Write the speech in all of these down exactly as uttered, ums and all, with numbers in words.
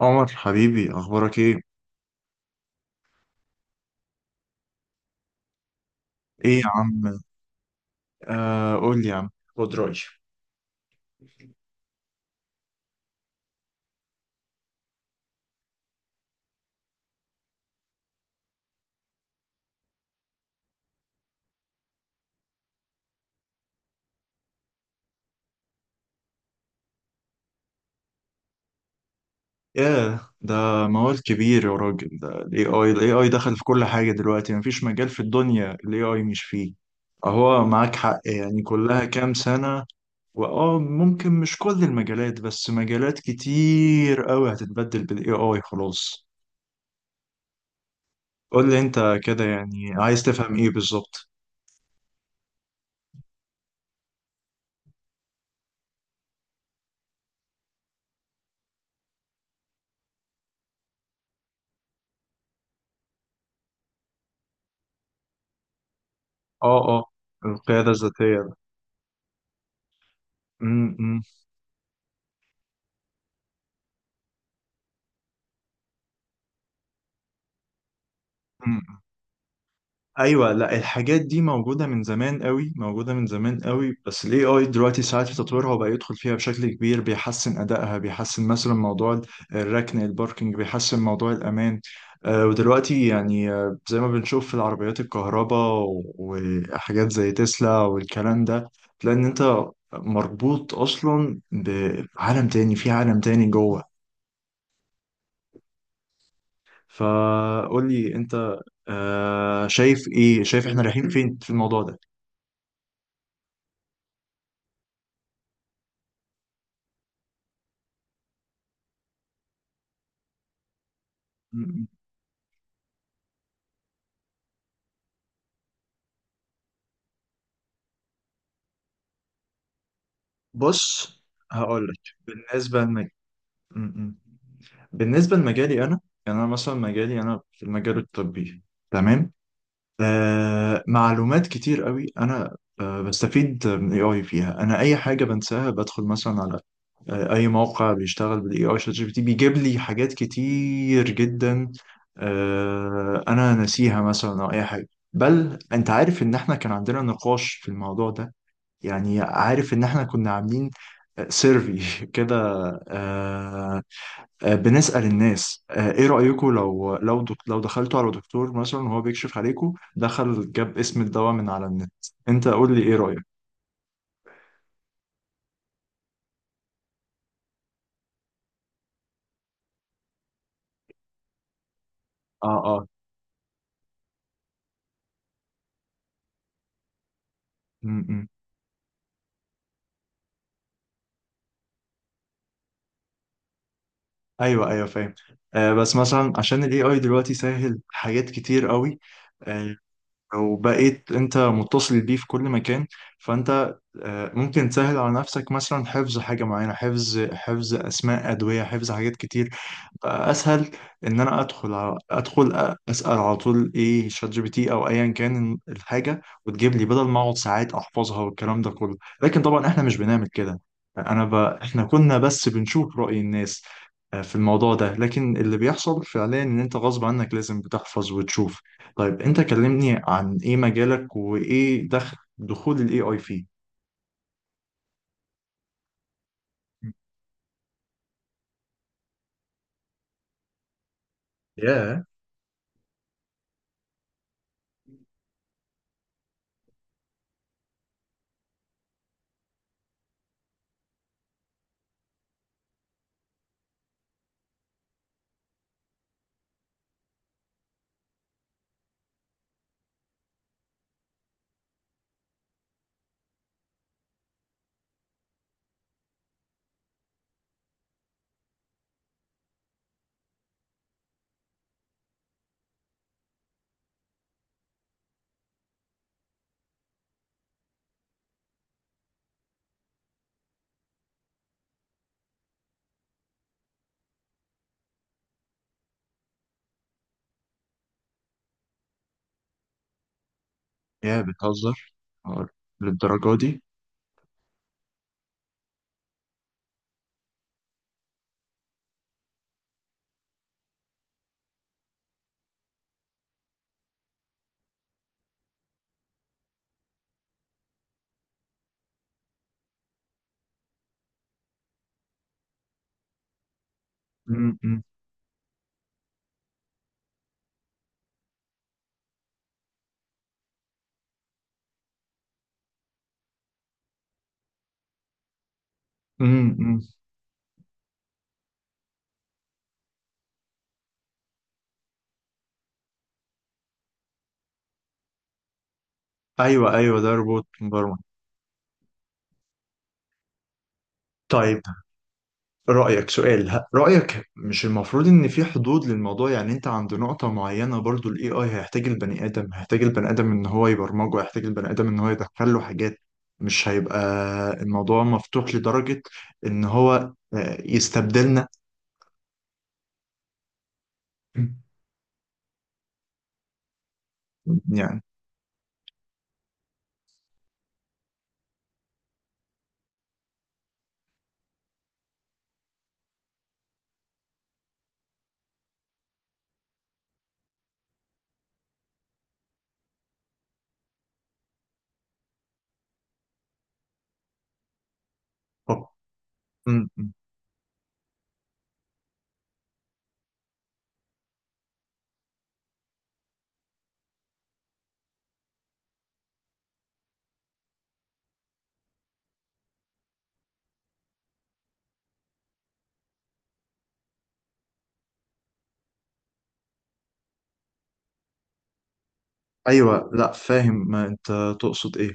عمر حبيبي، اخبارك ايه؟ ايه يا عم؟ آه، قول لي يا عم، خد رأيي. ياه، ده موال كبير يا راجل. ده الاي اي، الاي اي دخل في كل حاجه دلوقتي. مفيش مجال في الدنيا الاي اي مش فيه. اهو معاك حق، يعني كلها كام سنه. واه، ممكن مش كل المجالات، بس مجالات كتير قوي هتتبدل بالاي اي خلاص. قول لي انت كده، يعني عايز تفهم ايه بالظبط؟ اه اه، القياده الذاتيه. امم إمم، إمم. ايوه، لا الحاجات دي موجوده من زمان قوي، موجوده من زمان قوي، بس الاي اي دلوقتي ساعات في تطويرها وبقى يدخل فيها بشكل كبير. بيحسن ادائها، بيحسن مثلا موضوع الركن، الباركينج، بيحسن موضوع الامان. آه، ودلوقتي يعني آه زي ما بنشوف في العربيات الكهرباء، و- وحاجات زي تسلا والكلام ده. لان انت مربوط اصلا بعالم تاني، في عالم تاني جوه. فقول لي انت، آه، شايف ايه؟ شايف احنا رايحين فين في الموضوع ده؟ بص، هقول لك. بالنسبه لمج... م- م. بالنسبه لمجالي انا، يعني انا مثلا مجالي انا في المجال الطبي، تمام. آه، معلومات كتير قوي انا آه بستفيد من الاي اي فيها. انا اي حاجه بنساها بدخل مثلا على، آه، اي موقع بيشتغل بالاي اي، شات جي بي تي، بيجيب لي حاجات كتير جدا آه انا ناسيها مثلا، او اي حاجه. بل انت عارف ان احنا كان عندنا نقاش في الموضوع ده، يعني عارف ان احنا كنا عاملين سيرفي كده، آه، آه، بنسأل الناس، آه، ايه رأيكم لو لو دك- لو دخلتوا على دكتور مثلا وهو بيكشف عليكم دخل جاب اسم الدواء من على النت؟ انت قول لي ايه رأيك. اه اه. م -م. ايوه ايوه، فاهم. آه بس مثلا عشان الاي اي دلوقتي سهل حاجات كتير قوي، آه، وبقيت انت متصل بيه في كل مكان. فانت، آه، ممكن تسهل على نفسك مثلا حفظ حاجة معينة، حفظ، حفظ اسماء ادوية، حفظ حاجات كتير. اسهل ان انا ادخل على، ادخل أ- اسال على طول ايه، شات جي بي تي او ايا كان، الحاجه وتجيب لي بدل ما اقعد ساعات احفظها والكلام ده كله. لكن طبعا احنا مش بنعمل كده. انا ب... احنا كنا بس بنشوف راي الناس، آه، في الموضوع ده، لكن اللي بيحصل فعليا ان انت غصب عنك لازم بتحفظ وتشوف. طيب انت كلمني عن ايه مجالك، وايه دخل، دخول الاي اي فيه. ياه. ياه بتهزر، آه، للدرجه دي؟ امم. ايوه ايوه، ده روبوت مبرمج. طيب رأيك، سؤال ه- رأيك، مش المفروض ان في حدود للموضوع؟ يعني انت عند نقطة معينة برضو الاي اي هيحتاج البني ادم، هيحتاج البني ادم ان هو يبرمجه، هيحتاج البني ادم ان هو يدخل له حاجات. مش هيبقى الموضوع مفتوح لدرجة ان هو، آه، يستبدلنا. يعني. طب- م- م. ايوه، لا فاهم ما انت تقصد ايه.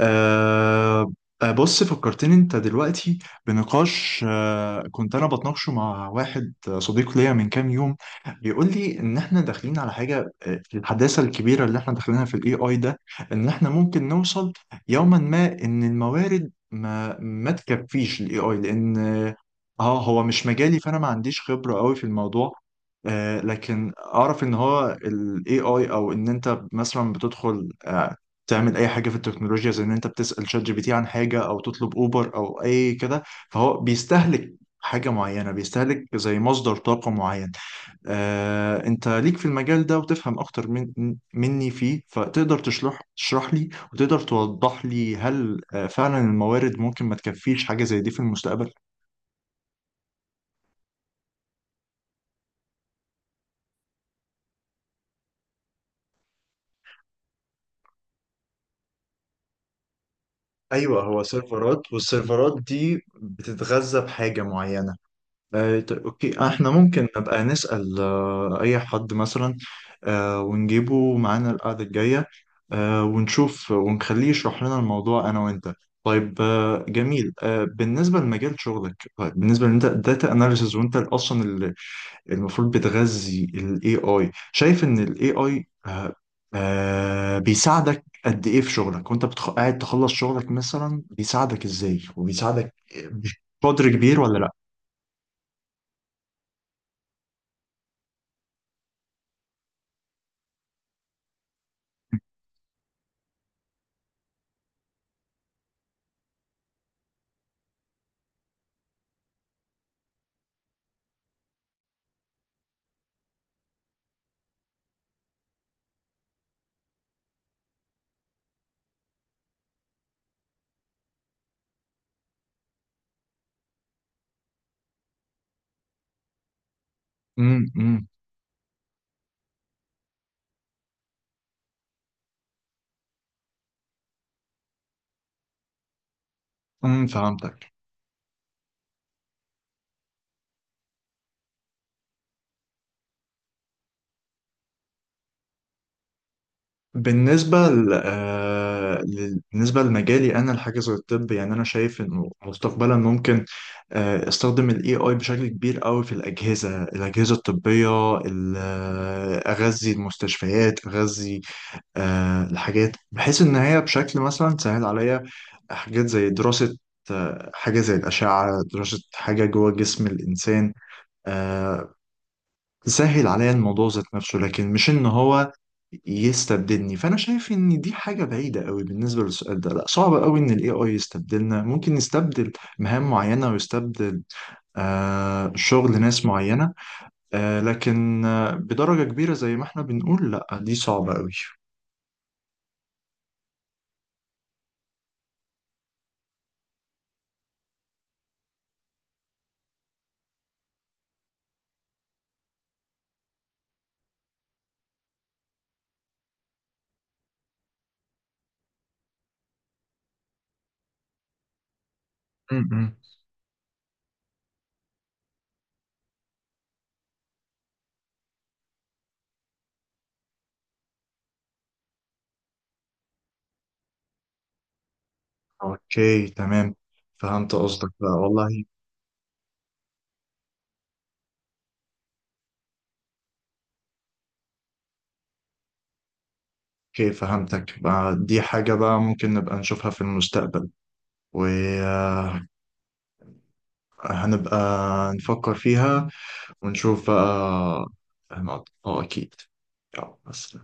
أه. آه، بص فكرتني انت دلوقتي بنقاش أه كنت انا بتناقشه مع واحد صديق ليا من كام يوم. بيقول لي ان احنا داخلين على حاجه، آه، الحداثه الكبيره اللي احنا داخلينها في الاي اي ده، ان احنا ممكن نوصل يوما ما ان الموارد ما ما تكفيش الاي اي، لان اه، آه، هو مش مجالي، فانا ما عنديش خبره قوي في الموضوع. آه، لكن اعرف ان هو الاي اي، او ان انت مثلا بتدخل آه، تعمل اي حاجه في التكنولوجيا، زي ان انت بتسال شات جي بي تي عن حاجه او تطلب اوبر او اي كده، فهو بيستهلك حاجه معينه، بيستهلك زي مصدر طاقه معين. آه، انت ليك في المجال ده وتفهم اكتر من مني فيه، فتقدر تشرح، تشرح لي، وتقدر توضح لي هل آه، فعلا الموارد ممكن ما تكفيش حاجه زي دي في المستقبل. ايوه، هو سيرفرات، والسيرفرات دي بتتغذى بحاجه معينه. آه، طيب، اوكي، آه، احنا ممكن نبقى نسأل آه، اي حد مثلا، آه، ونجيبه معانا القعدة الجاية، آه، ونشوف ونخليه يشرح لنا الموضوع انا وانت. طيب، آه، جميل. آه، بالنسبة لمجال شغلك، طيب بالنسبة لان انت داتا اناليسز، وانت اصلا ال- المفروض بتغذي الاي اي، شايف ان الاي اي بيساعدك قد ايه في شغلك، وانت بتخ... قاعد تخلص شغلك مثلا، بيساعدك ازاي، وبيساعدك بقدر كبير ولا لا؟ امم، فهمتك. بالنسبة ل... آه، لل- بالنسبة لمجالي أنا، الحاجة زي الطب، يعني أنا شايف إنه مستقبلا ممكن آه، استخدم ال A I بشكل كبير قوي في الأجهزة، الأجهزة الطبية. ال- آه، أغذي المستشفيات، أغذي آه، الحاجات، بحيث إن هي بشكل مثلا تسهل عليا حاجات زي دراسة آه، حاجة زي الأشعة، دراسة حاجة جوه جسم الإنسان، آه، تسهل عليا الموضوع ذات نفسه، لكن مش ان هو يستبدلني. فانا شايف ان دي حاجه بعيده قوي. بالنسبه للسؤال ده، لا، صعب قوي ان الاي اي يستبدلنا. ممكن يستبدل مهام معينه، ويستبدل آه شغل ناس معينه، آه، لكن آه بدرجه كبيره زي ما احنا بنقول، لا دي صعبه قوي. م-م. اوكي، تمام، فهمت قصدك بقى والله. اوكي، فهمتك بقى. دي حاجة بقى ممكن نبقى نشوفها في المستقبل، وهنبقى نفكر فيها ونشوف بقى. هنقعد اه، اكيد. يلا بس.